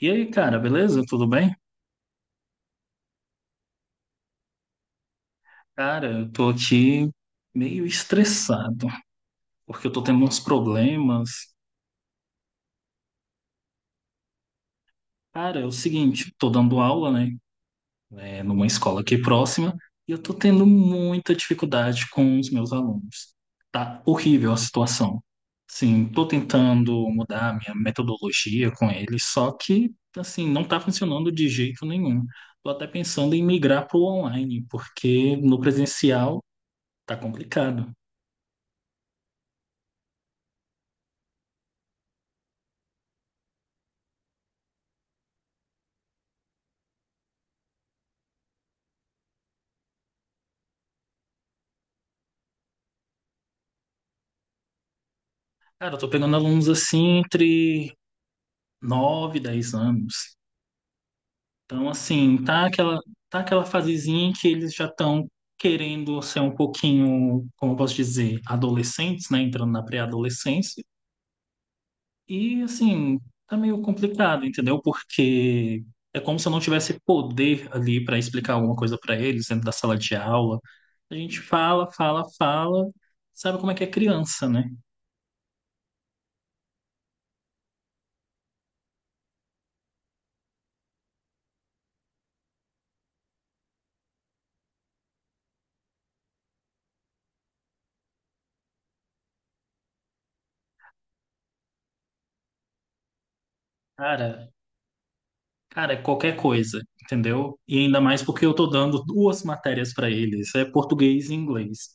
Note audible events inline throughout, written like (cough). E aí, cara, beleza? Tudo bem? Cara, eu tô aqui meio estressado, porque eu tô tendo uns problemas. Cara, é o seguinte, tô dando aula, né, numa escola aqui próxima, e eu tô tendo muita dificuldade com os meus alunos. Tá horrível a situação. Sim, tô tentando mudar a minha metodologia com eles, só que, assim, não tá funcionando de jeito nenhum. Tô até pensando em migrar pro online, porque no presencial tá complicado. Cara, eu tô pegando alunos assim entre 9 e 10 anos. Então, assim, tá aquela fasezinha em que eles já estão querendo ser um pouquinho, como eu posso dizer, adolescentes, né? Entrando na pré-adolescência. E, assim, tá meio complicado, entendeu? Porque é como se eu não tivesse poder ali para explicar alguma coisa para eles dentro da sala de aula. A gente fala, fala, fala, sabe como é que é criança, né? Cara, Cara, é qualquer coisa, entendeu? E ainda mais porque eu tô dando duas matérias para eles, é português e inglês.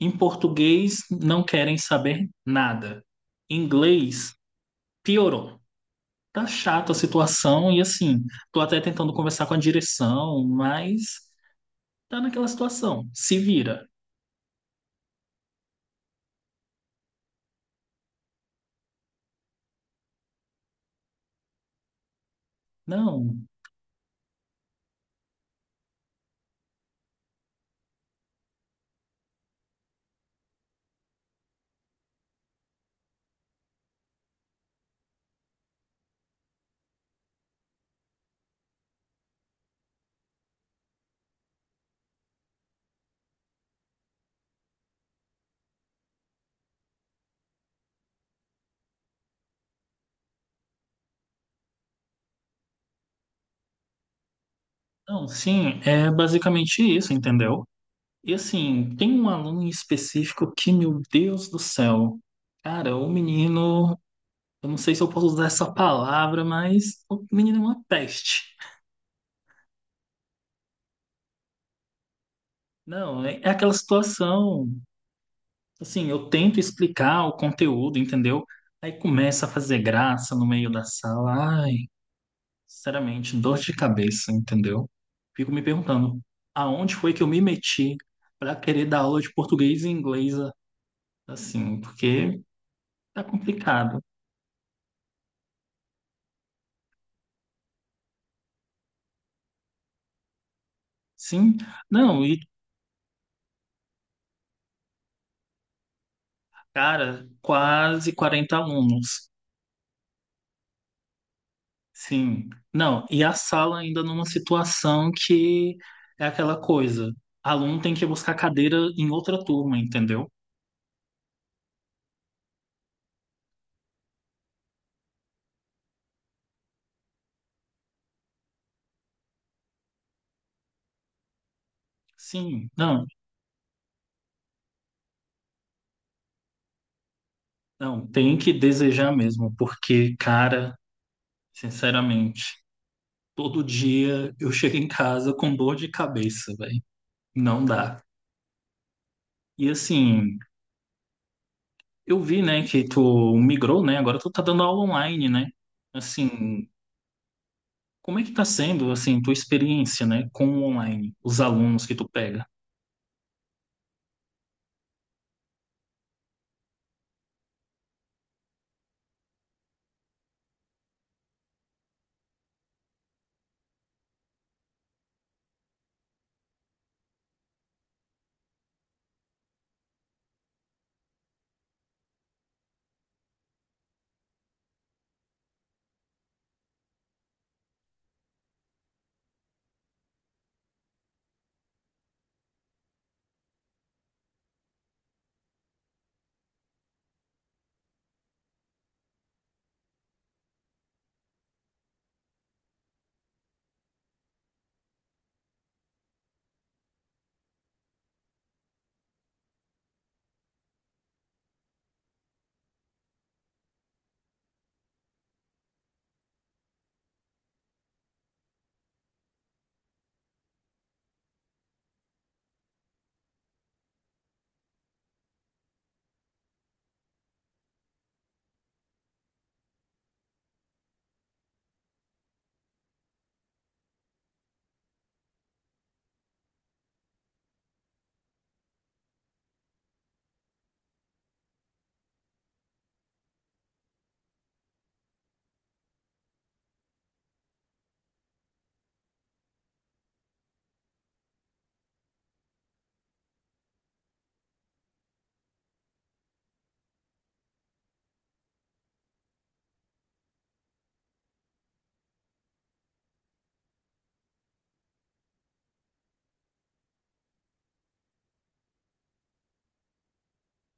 Em português não querem saber nada. Em inglês piorou. Tá chata a situação e assim, tô até tentando conversar com a direção, mas tá naquela situação. Se vira. Não, não, sim, é basicamente isso, entendeu? E assim, tem um aluno em específico que, meu Deus do céu, cara, o menino. Eu não sei se eu posso usar essa palavra, mas o menino é uma peste. Não, é aquela situação. Assim, eu tento explicar o conteúdo, entendeu? Aí começa a fazer graça no meio da sala. Ai, sinceramente, dor de cabeça, entendeu? Fico me perguntando, aonde foi que eu me meti para querer dar aula de português e inglês assim? Porque tá complicado. Sim, não, e cara, quase 40 alunos. Sim. Não, e a sala ainda numa situação que é aquela coisa. Aluno tem que buscar cadeira em outra turma, entendeu? Sim, não, não, tem que desejar mesmo, porque, cara, sinceramente, todo dia eu chego em casa com dor de cabeça, velho. Não dá. E assim, eu vi, né, que tu migrou, né? Agora tu tá dando aula online, né? Assim, como é que tá sendo, assim, tua experiência, né, com o online, os alunos que tu pega?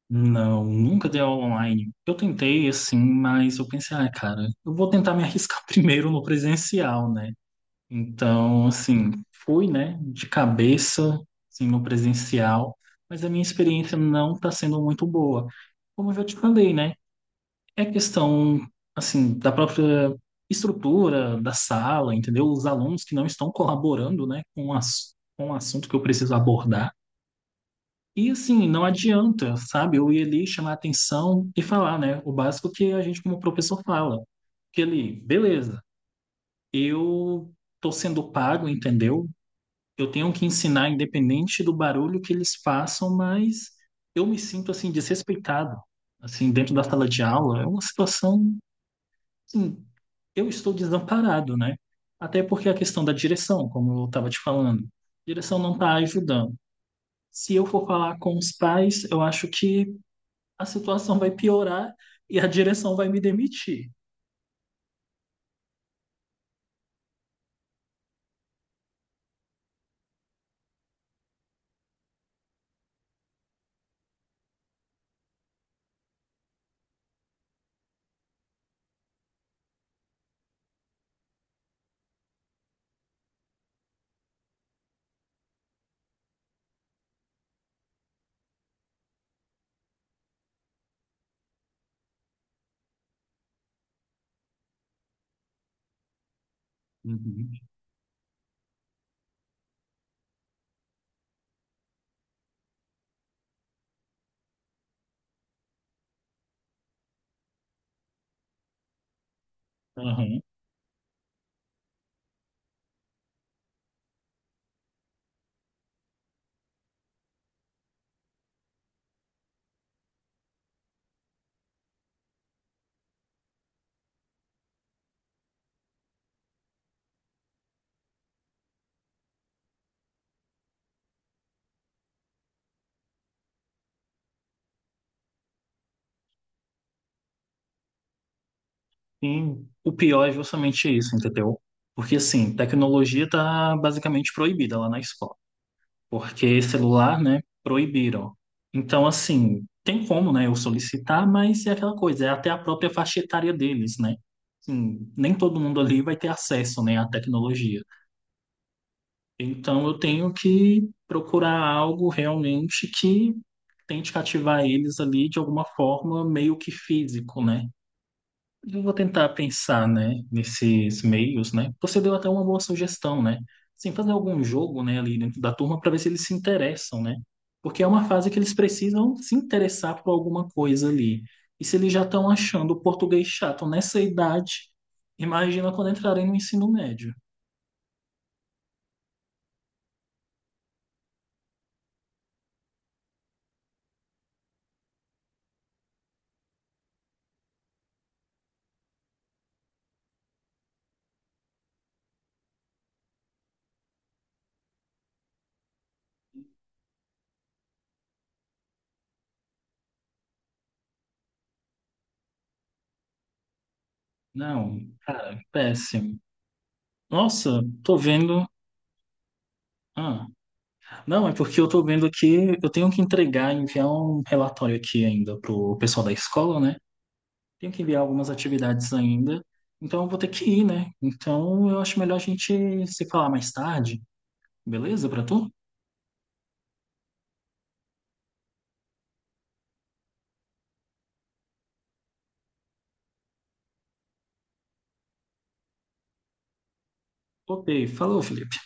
Não, nunca dei aula online. Eu tentei, assim, mas eu pensei, ah, cara, eu vou tentar me arriscar (laughs) primeiro no presencial, né? Então, assim, fui, né, de cabeça, assim, no presencial, mas a minha experiência não está sendo muito boa. Como eu já te falei, né? É questão, assim, da própria estrutura da sala, entendeu? Os alunos que não estão colaborando, né, com o assunto que eu preciso abordar. E assim, não adianta, sabe? Eu ia ali chamar atenção e falar, né? O básico que a gente, como professor, fala. Que ali, beleza, eu tô sendo pago, entendeu? Eu tenho que ensinar, independente do barulho que eles façam, mas eu me sinto, assim, desrespeitado. Assim, dentro da sala de aula, é uma situação, assim, eu estou desamparado, né? Até porque a questão da direção, como eu estava te falando, a direção não está ajudando. Se eu for falar com os pais, eu acho que a situação vai piorar e a direção vai me demitir. Uhum. Aham. E o pior é justamente isso, entendeu? Porque, assim, tecnologia tá basicamente proibida lá na escola. Porque celular, né, proibiram. Então, assim, tem como, né, eu solicitar, mas é aquela coisa, é até a própria faixa etária deles, né? Assim, nem todo mundo ali vai ter acesso, né, à tecnologia. Então eu tenho que procurar algo realmente que tente cativar eles ali de alguma forma, meio que físico, né? Eu vou tentar pensar, né, nesses meios, né? Você deu até uma boa sugestão, né? Sim, fazer algum jogo, né, ali dentro da turma para ver se eles se interessam, né? Porque é uma fase que eles precisam se interessar por alguma coisa ali. E se eles já estão achando o português chato nessa idade, imagina quando entrarem no ensino médio. Não, cara, péssimo. Nossa, tô vendo. Ah, não, é porque eu tô vendo aqui, eu tenho que entregar, enviar um relatório aqui ainda pro pessoal da escola, né? Tenho que enviar algumas atividades ainda, então eu vou ter que ir, né? Então eu acho melhor a gente se falar mais tarde, beleza pra tu? Ok, falou, Felipe.